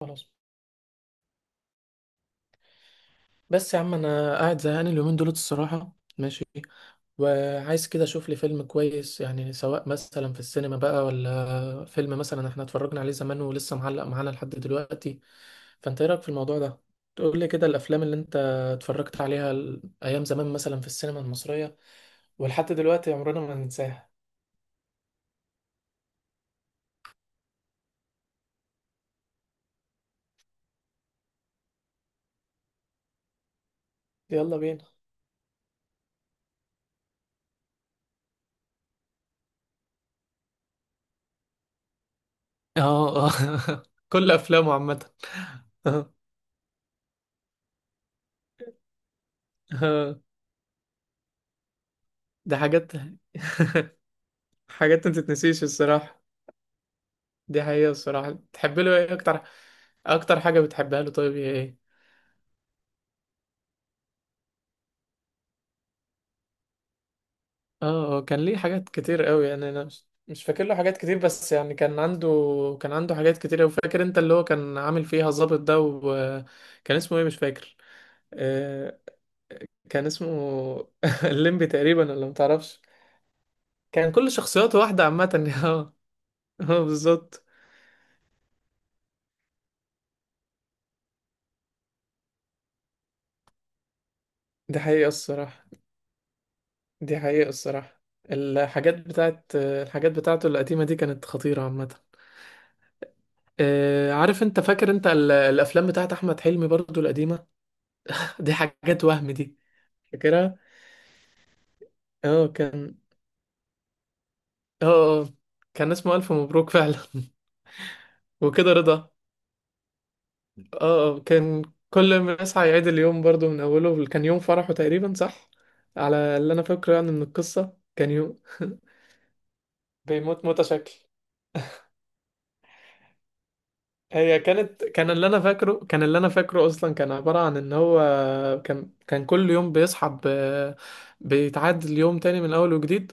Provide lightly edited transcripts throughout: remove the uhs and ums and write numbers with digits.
خلاص، بس يا عم انا قاعد زهقان اليومين دولت الصراحه. ماشي. وعايز كده اشوف لي فيلم كويس، يعني سواء مثلا في السينما بقى، ولا فيلم مثلا احنا اتفرجنا عليه زمان ولسه معلق معانا لحد دلوقتي. فانت ايه رايك في الموضوع ده؟ تقول لي كده الافلام اللي انت اتفرجت عليها ايام زمان مثلا في السينما المصريه، ولحد دلوقتي عمرنا ما هننساها. يلا بينا. اه، اه. كل افلامه عامه. ده حاجات. حاجات ما تتنسيش الصراحه. دي حقيقة الصراحة. تحب له ايه اكتر؟ اكتر حاجة بتحبها له طيب هي ايه؟ اه. كان ليه حاجات كتير قوي، يعني انا مش فاكر له حاجات كتير، بس يعني كان عنده. كان عنده حاجات كتير قوي، فاكر انت اللي هو كان عامل فيها ظابط ده؟ وكان اسمه ايه؟ مش فاكر. آه، كان اسمه. الليمبي تقريبا، ولا متعرفش؟ كان كل شخصياته واحدة عامة. اه. اه، بالظبط. دي حقيقة الصراحة. دي حقيقة الصراحة. الحاجات بتاعته القديمة دي كانت خطيرة عامة. عارف انت، فاكر انت الافلام بتاعت احمد حلمي برضو القديمه؟ دي حاجات وهم دي، فاكرها؟ اه، كان. اه، اه، كان اسمه الف مبروك فعلا. وكده رضا. اه، اه، كان. كل ما يصحى يعيد اليوم برضو من اوله، كان يوم فرحه تقريبا، صح؟ على اللي انا فاكره يعني من القصه، كان يوم. بيموت موتة شكل. هي كانت كان اللي انا فاكره، اصلا كان عبارة عن ان هو كان كل يوم بيصحى بيتعاد اليوم تاني من اول وجديد.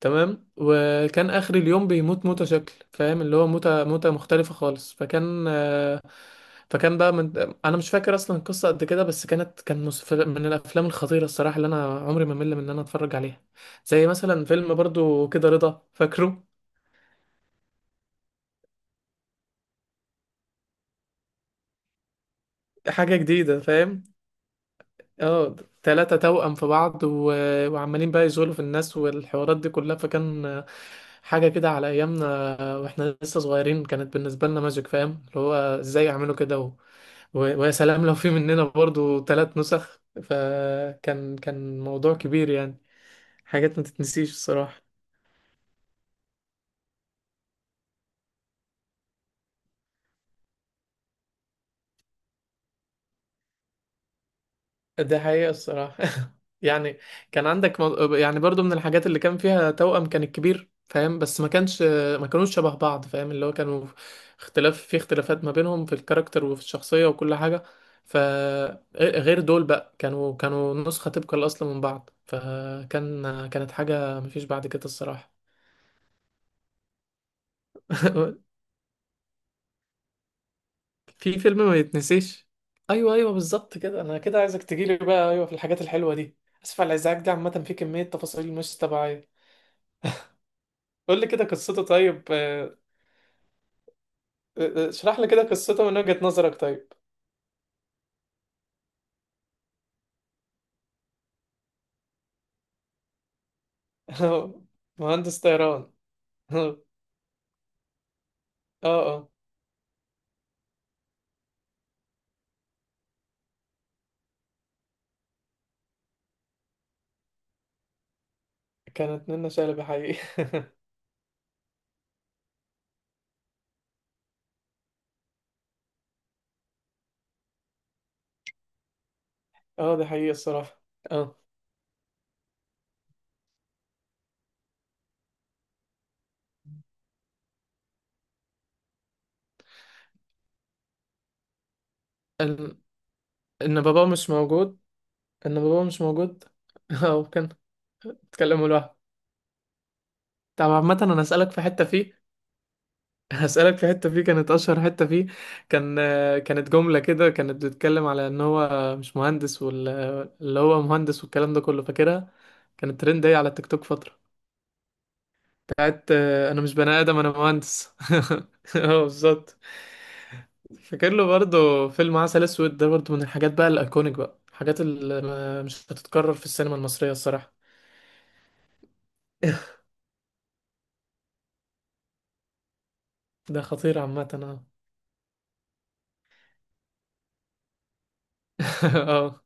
تمام، وكان اخر اليوم بيموت موتة شكل، فاهم اللي هو؟ موتة مختلفة خالص، فكان فكان بقى من... انا مش فاكر اصلا القصة قد كده، بس من الافلام الخطيرة الصراحة اللي انا عمري ما مل من ان انا اتفرج عليها. زي مثلا فيلم برضو كده رضا، فاكره؟ حاجة جديدة، فاهم؟ اه، تلاتة توأم في بعض، وعمالين بقى يزولوا في الناس والحوارات دي كلها، فكان حاجة كده على أيامنا. واحنا لسه صغيرين كانت بالنسبة لنا ماجيك، فاهم اللي هو؟ ازاي يعملوا كده، ويا سلام لو في مننا برضو ثلاث نسخ، فكان موضوع كبير يعني. حاجات ما تتنسيش الصراحة. ده حقيقة الصراحة. يعني يعني برضو من الحاجات اللي كان فيها توأم، كان الكبير، فاهم؟ بس ما كانش، ما كانوش شبه بعض، فاهم اللي هو؟ كانوا اختلافات ما بينهم في الكاركتر وفي الشخصية وكل حاجة. فغير دول بقى كانوا نسخة تبقى الأصل من بعض، فكان كانت حاجة مفيش بعد كده الصراحة. في فيلم ما يتنسيش. ايوه، ايوه، بالظبط كده. انا كده عايزك تجيلي بقى. ايوه، في الحاجات الحلوه دي. اسف على الازعاج، دي عامه في كميه تفاصيل مش طبيعيه. قول لي كده قصته طيب. اشرح لي كده قصته من وجهه نظرك طيب. مهندس طيران. اه، اه، كانت منة شلبي حقيقي؟ اه، دي حقيقه الصراحه. اه. ان ان باباه مش موجود. ان باباه مش موجود. اه، كان اتكلموا لوحده. طب عامة انا اسألك في حتة فيه. هسألك في حتة فيه كانت أشهر حتة فيه. كان كانت جملة كده كانت بتتكلم على إن هو مش مهندس اللي هو مهندس، والكلام ده كله، فاكرها؟ كانت ترند أوي على التيك توك فترة. بتاعت أنا مش بني آدم، أنا مهندس. اه، بالظبط. فاكر له برضه فيلم عسل أسود؟ ده برضه من الحاجات بقى الأيكونيك بقى، الحاجات اللي مش هتتكرر في السينما المصرية الصراحة. ده خطير عامة. اه. اه.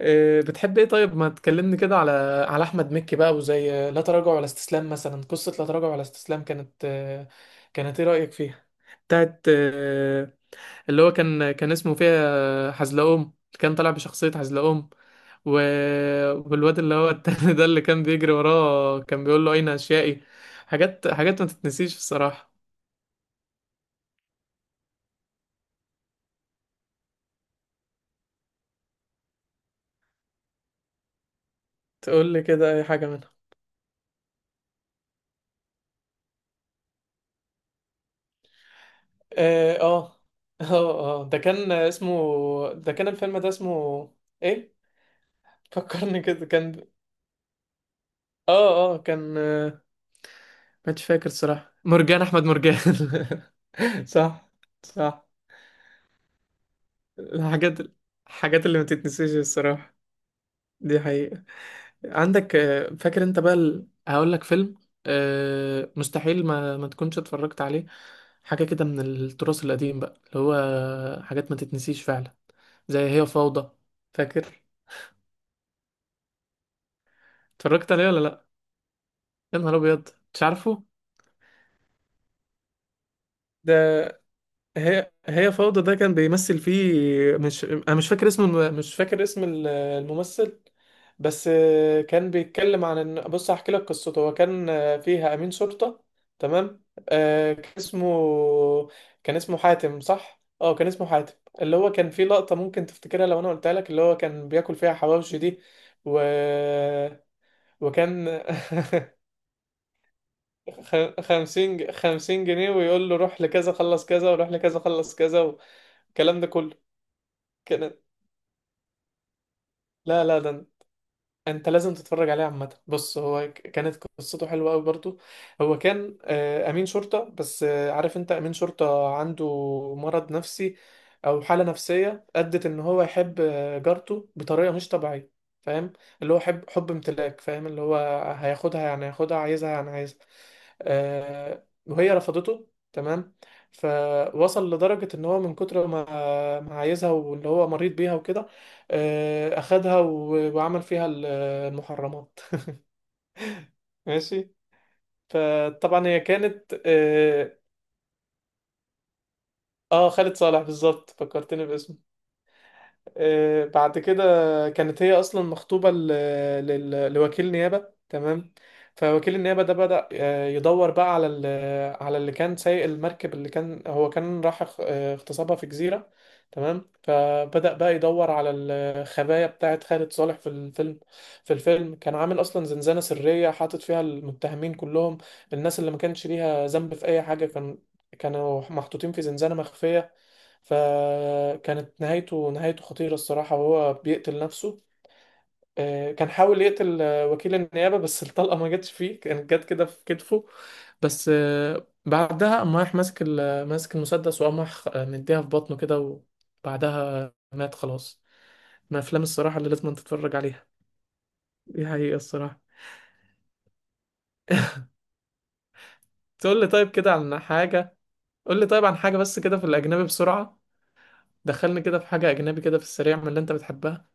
إيه، بتحب ايه طيب؟ ما تكلمني كده على على احمد مكي بقى، وزي لا تراجع ولا استسلام مثلا. قصة لا تراجع ولا استسلام كانت كانت ايه رأيك فيها؟ بتاعت اللي هو كان اسمه فيها حزلقوم، كان طالع بشخصية حزلقوم. و... والواد اللي هو التاني، ده اللي كان بيجري وراه كان بيقول له: اين اشيائي. حاجات ما تتنسيش الصراحة. تقول لي كده اي حاجة منها. اه، اه. اه. ده كان الفيلم ده اسمه ايه؟ فكرني كده، كان، اه، اه، كان، مش فاكر الصراحة. مرجان احمد مرجان. صح، صح. الحاجات الحاجات اللي ما تتنسيش الصراحة. دي حقيقة. عندك فاكر انت بقى هقول لك فيلم، مستحيل ما تكونش اتفرجت عليه. حاجة كده من التراث القديم بقى، اللي هو حاجات ما تتنسيش فعلا، زي هي فوضى، فاكر؟ اتفرجت عليه ولا لا؟ يا نهار ابيض. مش عارفه؟ ده هي فوضى ده كان بيمثل فيه. مش انا مش فاكر اسم الممثل. بس كان بيتكلم عن ان، بص هحكي لك قصته. هو كان فيها امين شرطة، تمام. آه كان اسمه كان اسمه حاتم، صح؟ اه، كان اسمه حاتم. اللي هو كان فيه لقطة ممكن تفتكرها لو انا قلتها لك، اللي هو كان بياكل فيها حواوشي دي، و... وكان 50 50 جنيه، ويقول له روح لكذا خلص كذا، وروح لكذا خلص كذا، والكلام ده كله. كانت، لا، لا، ده انت لازم تتفرج عليه عامه. بص هو كانت قصته حلوه قوي برضو. هو كان امين شرطه، بس عارف انت امين شرطه عنده مرض نفسي، او حاله نفسيه ادت ان هو يحب جارته بطريقه مش طبيعيه، فاهم اللي هو؟ حب امتلاك، فاهم اللي هو؟ هياخدها يعني، هياخدها، عايزها يعني عايزها. وهي رفضته، تمام. فوصل لدرجة ان هو من كتر ما عايزها، واللي هو مريض بيها وكده، اخدها وعمل فيها المحرمات. ماشي. فطبعا هي كانت، اه. خالد صالح، بالظبط فكرتني باسمه. بعد كده كانت هي اصلا مخطوبه لوكيل نيابه، تمام. فوكيل النيابه ده بدأ يدور بقى على على اللي كان سايق المركب، اللي كان هو كان راح اغتصابها في جزيره، تمام. فبدأ بقى يدور على الخبايا بتاعت خالد صالح في الفيلم. كان عامل اصلا زنزانه سريه حاطط فيها المتهمين كلهم، الناس اللي ما كانش ليها ذنب في اي حاجه. كان كانوا محطوطين في زنزانه مخفيه. فكانت نهايته خطيرة الصراحة، وهو بيقتل نفسه. كان حاول يقتل وكيل النيابة، بس الطلقة ما جاتش فيه، كانت جت كده في كتفه. بس بعدها قام رايح ماسك المسدس، وقام رايح مديها في بطنه كده، وبعدها مات خلاص. من الأفلام الصراحة اللي لازم تتفرج عليها. دي حقيقة الصراحة. تقول لي طيب كده عن حاجة، قول لي طيب عن حاجة بس كده في الأجنبي بسرعة. دخلني كده في حاجة أجنبي كده في السريع من اللي أنت بتحبها.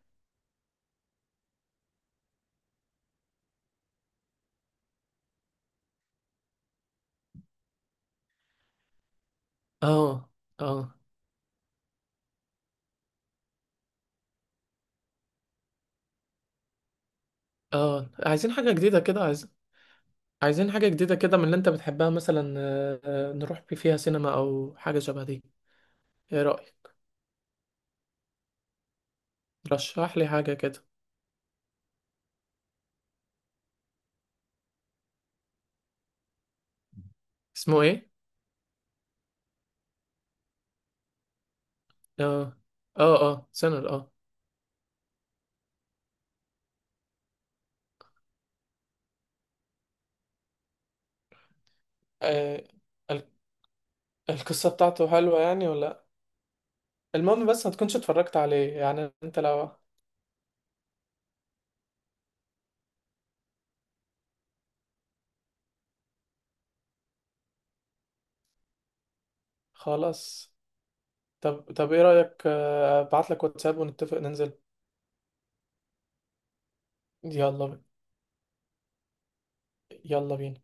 اه، اه، اه. عايزين حاجة جديدة كده، عايز عايزين حاجة جديدة كده من اللي انت بتحبها مثلا. نروح فيها سينما او حاجة شبه دي، ايه رأيك؟ رشح لي حاجة كده. اسمه ايه؟ اه، اه، اه، سنر، اه. آه، ال- القصة بتاعته حلوة يعني ولا لأ؟ المهم بس ما تكونش اتفرجت عليه يعني انت لو. خلاص. طب، طب، ايه رأيك؟ ابعت لك واتساب، ونتفق ننزل. يلا يلا بينا.